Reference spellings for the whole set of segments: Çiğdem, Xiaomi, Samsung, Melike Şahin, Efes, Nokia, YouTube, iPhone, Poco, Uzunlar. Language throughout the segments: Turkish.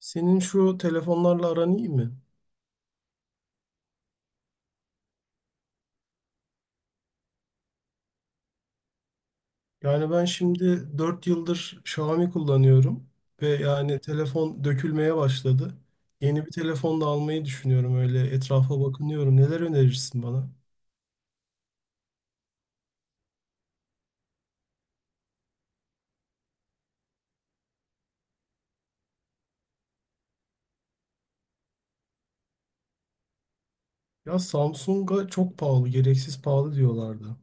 Senin şu telefonlarla aran iyi mi? Yani ben şimdi 4 yıldır Xiaomi kullanıyorum ve yani telefon dökülmeye başladı. Yeni bir telefon da almayı düşünüyorum, öyle etrafa bakınıyorum. Neler önerirsin bana? Ya Samsung'a çok pahalı, gereksiz pahalı diyorlardı.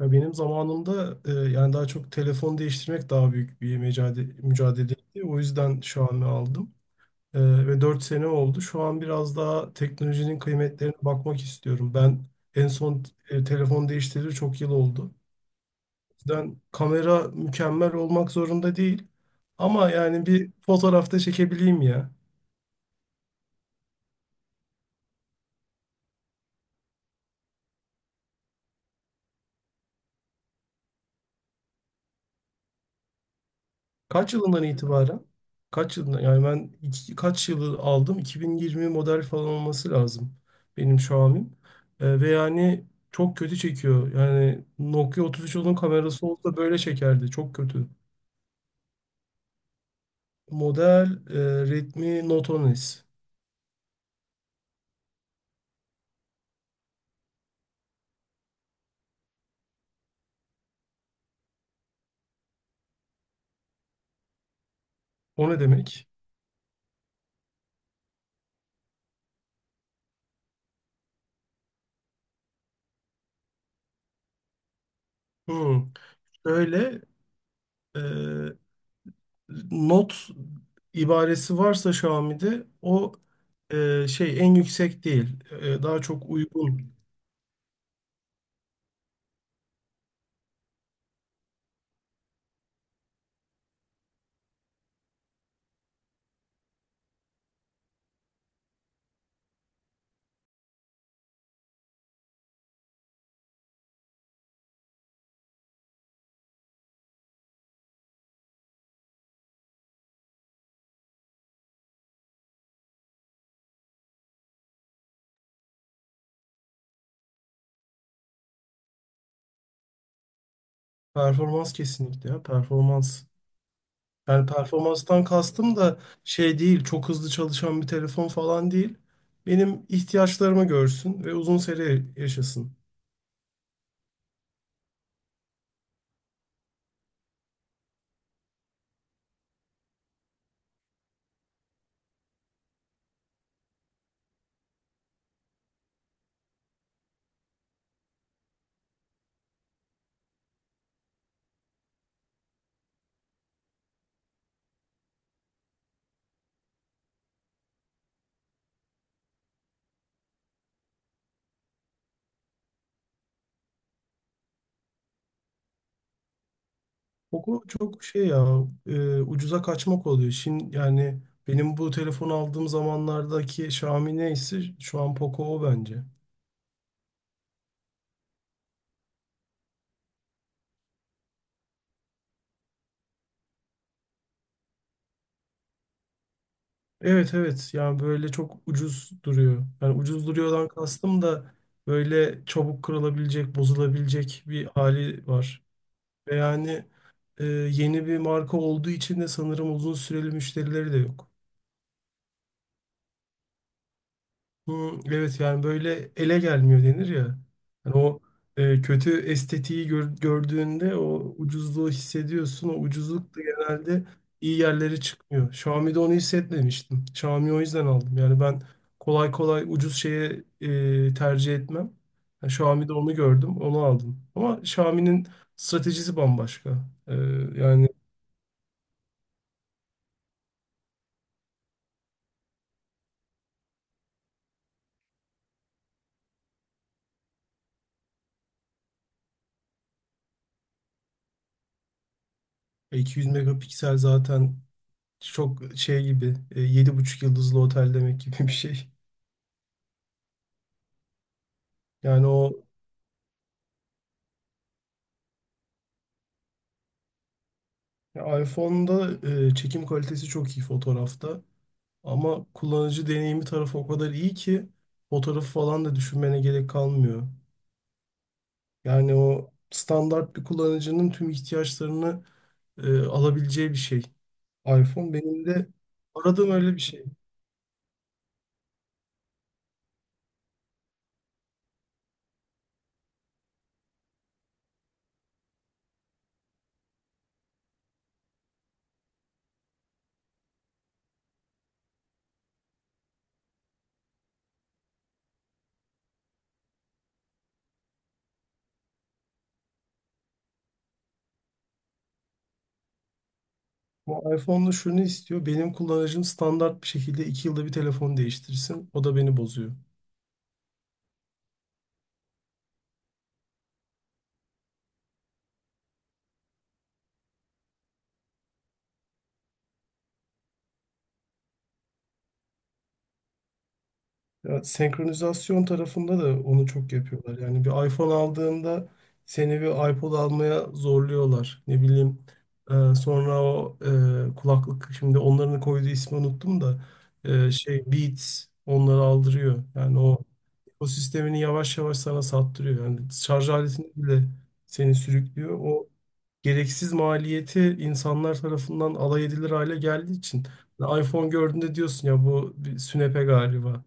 Ya benim zamanımda yani daha çok telefon değiştirmek daha büyük bir mücadeleydi. O yüzden Xiaomi aldım. Ve 4 sene oldu. Şu an biraz daha teknolojinin kıymetlerine bakmak istiyorum. Ben en son telefon değiştireli çok yıl oldu. O yüzden kamera mükemmel olmak zorunda değil. Ama yani bir fotoğrafta çekebileyim ya. Kaç yılından itibaren? Kaç yılından? Yani ben kaç yılı aldım? 2020 model falan olması lazım benim Xiaomi'm. Ve yani çok kötü çekiyor. Yani Nokia 3310'un kamerası olsa böyle çekerdi. Çok kötü. Model ritmi notonis. O ne demek? Hmm. Şöyle e, not ibaresi varsa Xiaomi'de o şey en yüksek değil. Daha çok uygun. Performans kesinlikle ya performans. Yani performanstan kastım da şey değil, çok hızlı çalışan bir telefon falan değil. Benim ihtiyaçlarımı görsün ve uzun süre yaşasın. Koku çok şey ya, ucuza kaçmak oluyor. Şimdi yani benim bu telefon aldığım zamanlardaki Xiaomi neyse şu an Poco o bence. Evet, evet, yani böyle çok ucuz duruyor. Yani ucuz duruyordan kastım da böyle çabuk kırılabilecek, bozulabilecek bir hali var. Ve yani yeni bir marka olduğu için de sanırım uzun süreli müşterileri de yok. Hı, evet, yani böyle ele gelmiyor denir ya. Yani o kötü estetiği gördüğünde o ucuzluğu hissediyorsun. O ucuzluk da genelde iyi yerlere çıkmıyor. Xiaomi'de onu hissetmemiştim. Xiaomi o yüzden aldım. Yani ben kolay kolay ucuz şeye tercih etmem. Yani Xiaomi'de onu gördüm, onu aldım. Ama Xiaomi'nin stratejisi bambaşka. E, Yani 200 megapiksel zaten çok şey gibi, 7,5 yıldızlı otel demek gibi bir şey. Yani o ya, iPhone'da çekim kalitesi çok iyi fotoğrafta, ama kullanıcı deneyimi tarafı o kadar iyi ki fotoğrafı falan da düşünmene gerek kalmıyor. Yani o standart bir kullanıcının tüm ihtiyaçlarını alabileceği bir şey. iPhone benim de aradığım öyle bir şey. Bu iPhone'da şunu istiyor: benim kullanıcım standart bir şekilde 2 yılda bir telefon değiştirsin. O da beni bozuyor. Ya, senkronizasyon tarafında da onu çok yapıyorlar. Yani bir iPhone aldığında seni bir iPod almaya zorluyorlar. Ne bileyim, sonra o kulaklık, şimdi onların koyduğu ismi unuttum da, şey, Beats, onları aldırıyor. Yani o ekosistemini yavaş yavaş sana sattırıyor. Yani şarj aletini bile, seni sürüklüyor. O gereksiz maliyeti insanlar tarafından alay edilir hale geldiği için. Yani iPhone gördüğünde diyorsun ya, bu bir sünepe galiba.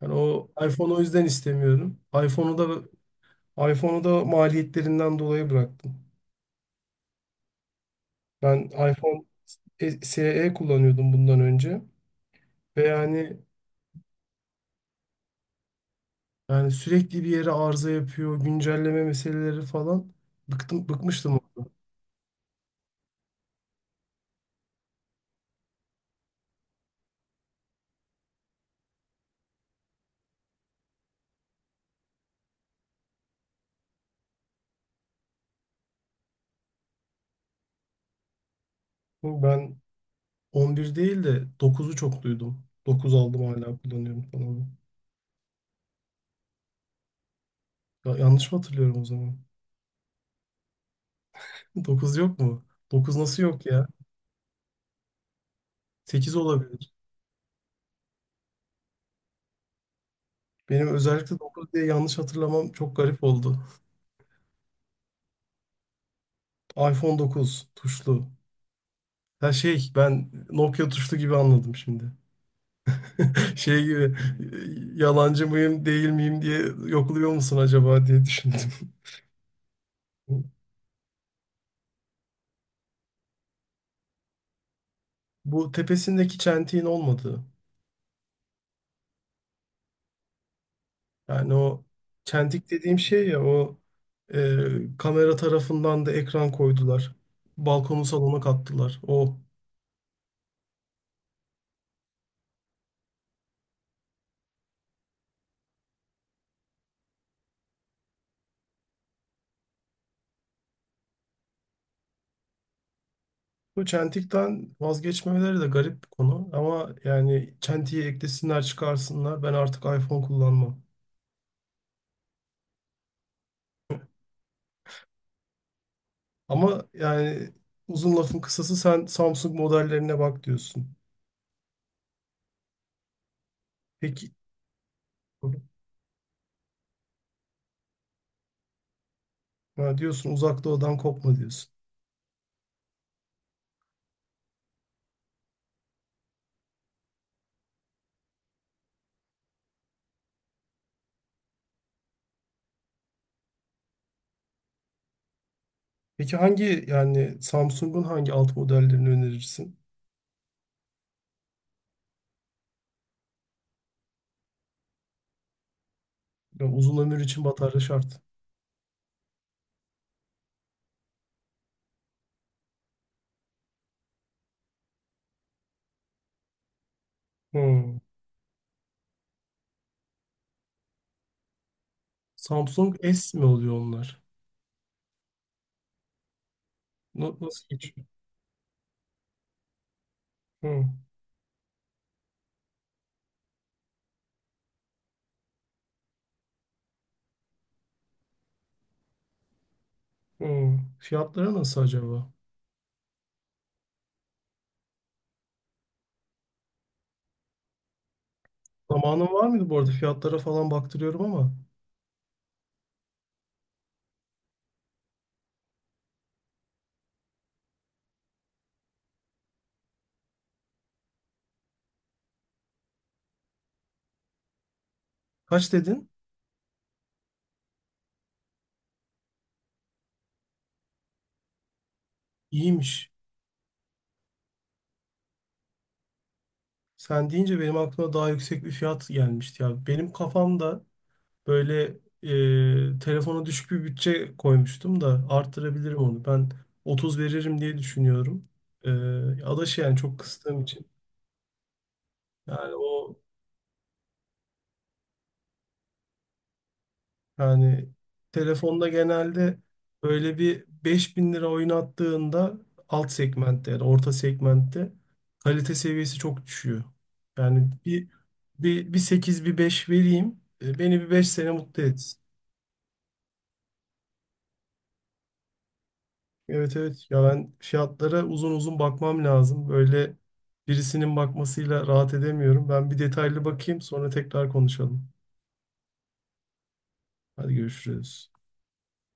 Yani o iPhone'u o yüzden istemiyorum. iPhone'u da maliyetlerinden dolayı bıraktım. Ben iPhone SE kullanıyordum bundan önce ve yani sürekli bir yere arıza yapıyor, güncelleme meseleleri falan. Bıkmıştım. Ben 11 değil de 9'u çok duydum. 9 aldım hala kullanıyorum falan. Ya, yanlış mı hatırlıyorum o zaman? 9 yok mu? 9 nasıl yok ya? 8 olabilir. Benim özellikle 9 diye yanlış hatırlamam çok garip oldu. iPhone 9 tuşlu. Ya şey, ben Nokia tuşlu gibi anladım şimdi. Şey gibi, yalancı mıyım değil miyim diye yokluyor musun acaba diye düşündüm. Bu tepesindeki çentiğin olmadığı. Yani o çentik dediğim şey ya, o kamera tarafından da ekran koydular. Balkonu salona kattılar. O, bu çentikten vazgeçmemeleri de garip bir konu. Ama yani çentiyi eklesinler çıkarsınlar, ben artık iPhone kullanmam. Ama yani uzun lafın kısası sen Samsung modellerine bak diyorsun. Peki, ha, diyorsun uzak doğudan kopma diyorsun. Peki hangi, yani Samsung'un hangi alt modellerini önerirsin? Ya uzun ömür için batarya şart. Hmm. Samsung S mi oluyor onlar? Nasıl geçiyor? Hmm. Hmm. Fiyatları nasıl acaba? Zamanın var mıydı bu arada? Fiyatlara falan baktırıyorum ama. Kaç dedin? İyiymiş. Sen deyince benim aklıma daha yüksek bir fiyat gelmişti ya. Benim kafamda böyle telefona düşük bir bütçe koymuştum da arttırabilirim onu. Ben 30 veririm diye düşünüyorum. E, Adaşı yani çok kıstığım için. Yani o yani telefonda genelde böyle bir 5 bin lira oynattığında alt segmentte, yani orta segmentte kalite seviyesi çok düşüyor. Yani bir 8 bir 5 vereyim. E, beni bir 5 sene mutlu etsin. Evet, evet, ya ben fiyatlara uzun uzun bakmam lazım. Böyle birisinin bakmasıyla rahat edemiyorum. Ben bir detaylı bakayım, sonra tekrar konuşalım. Hadi görüşürüz.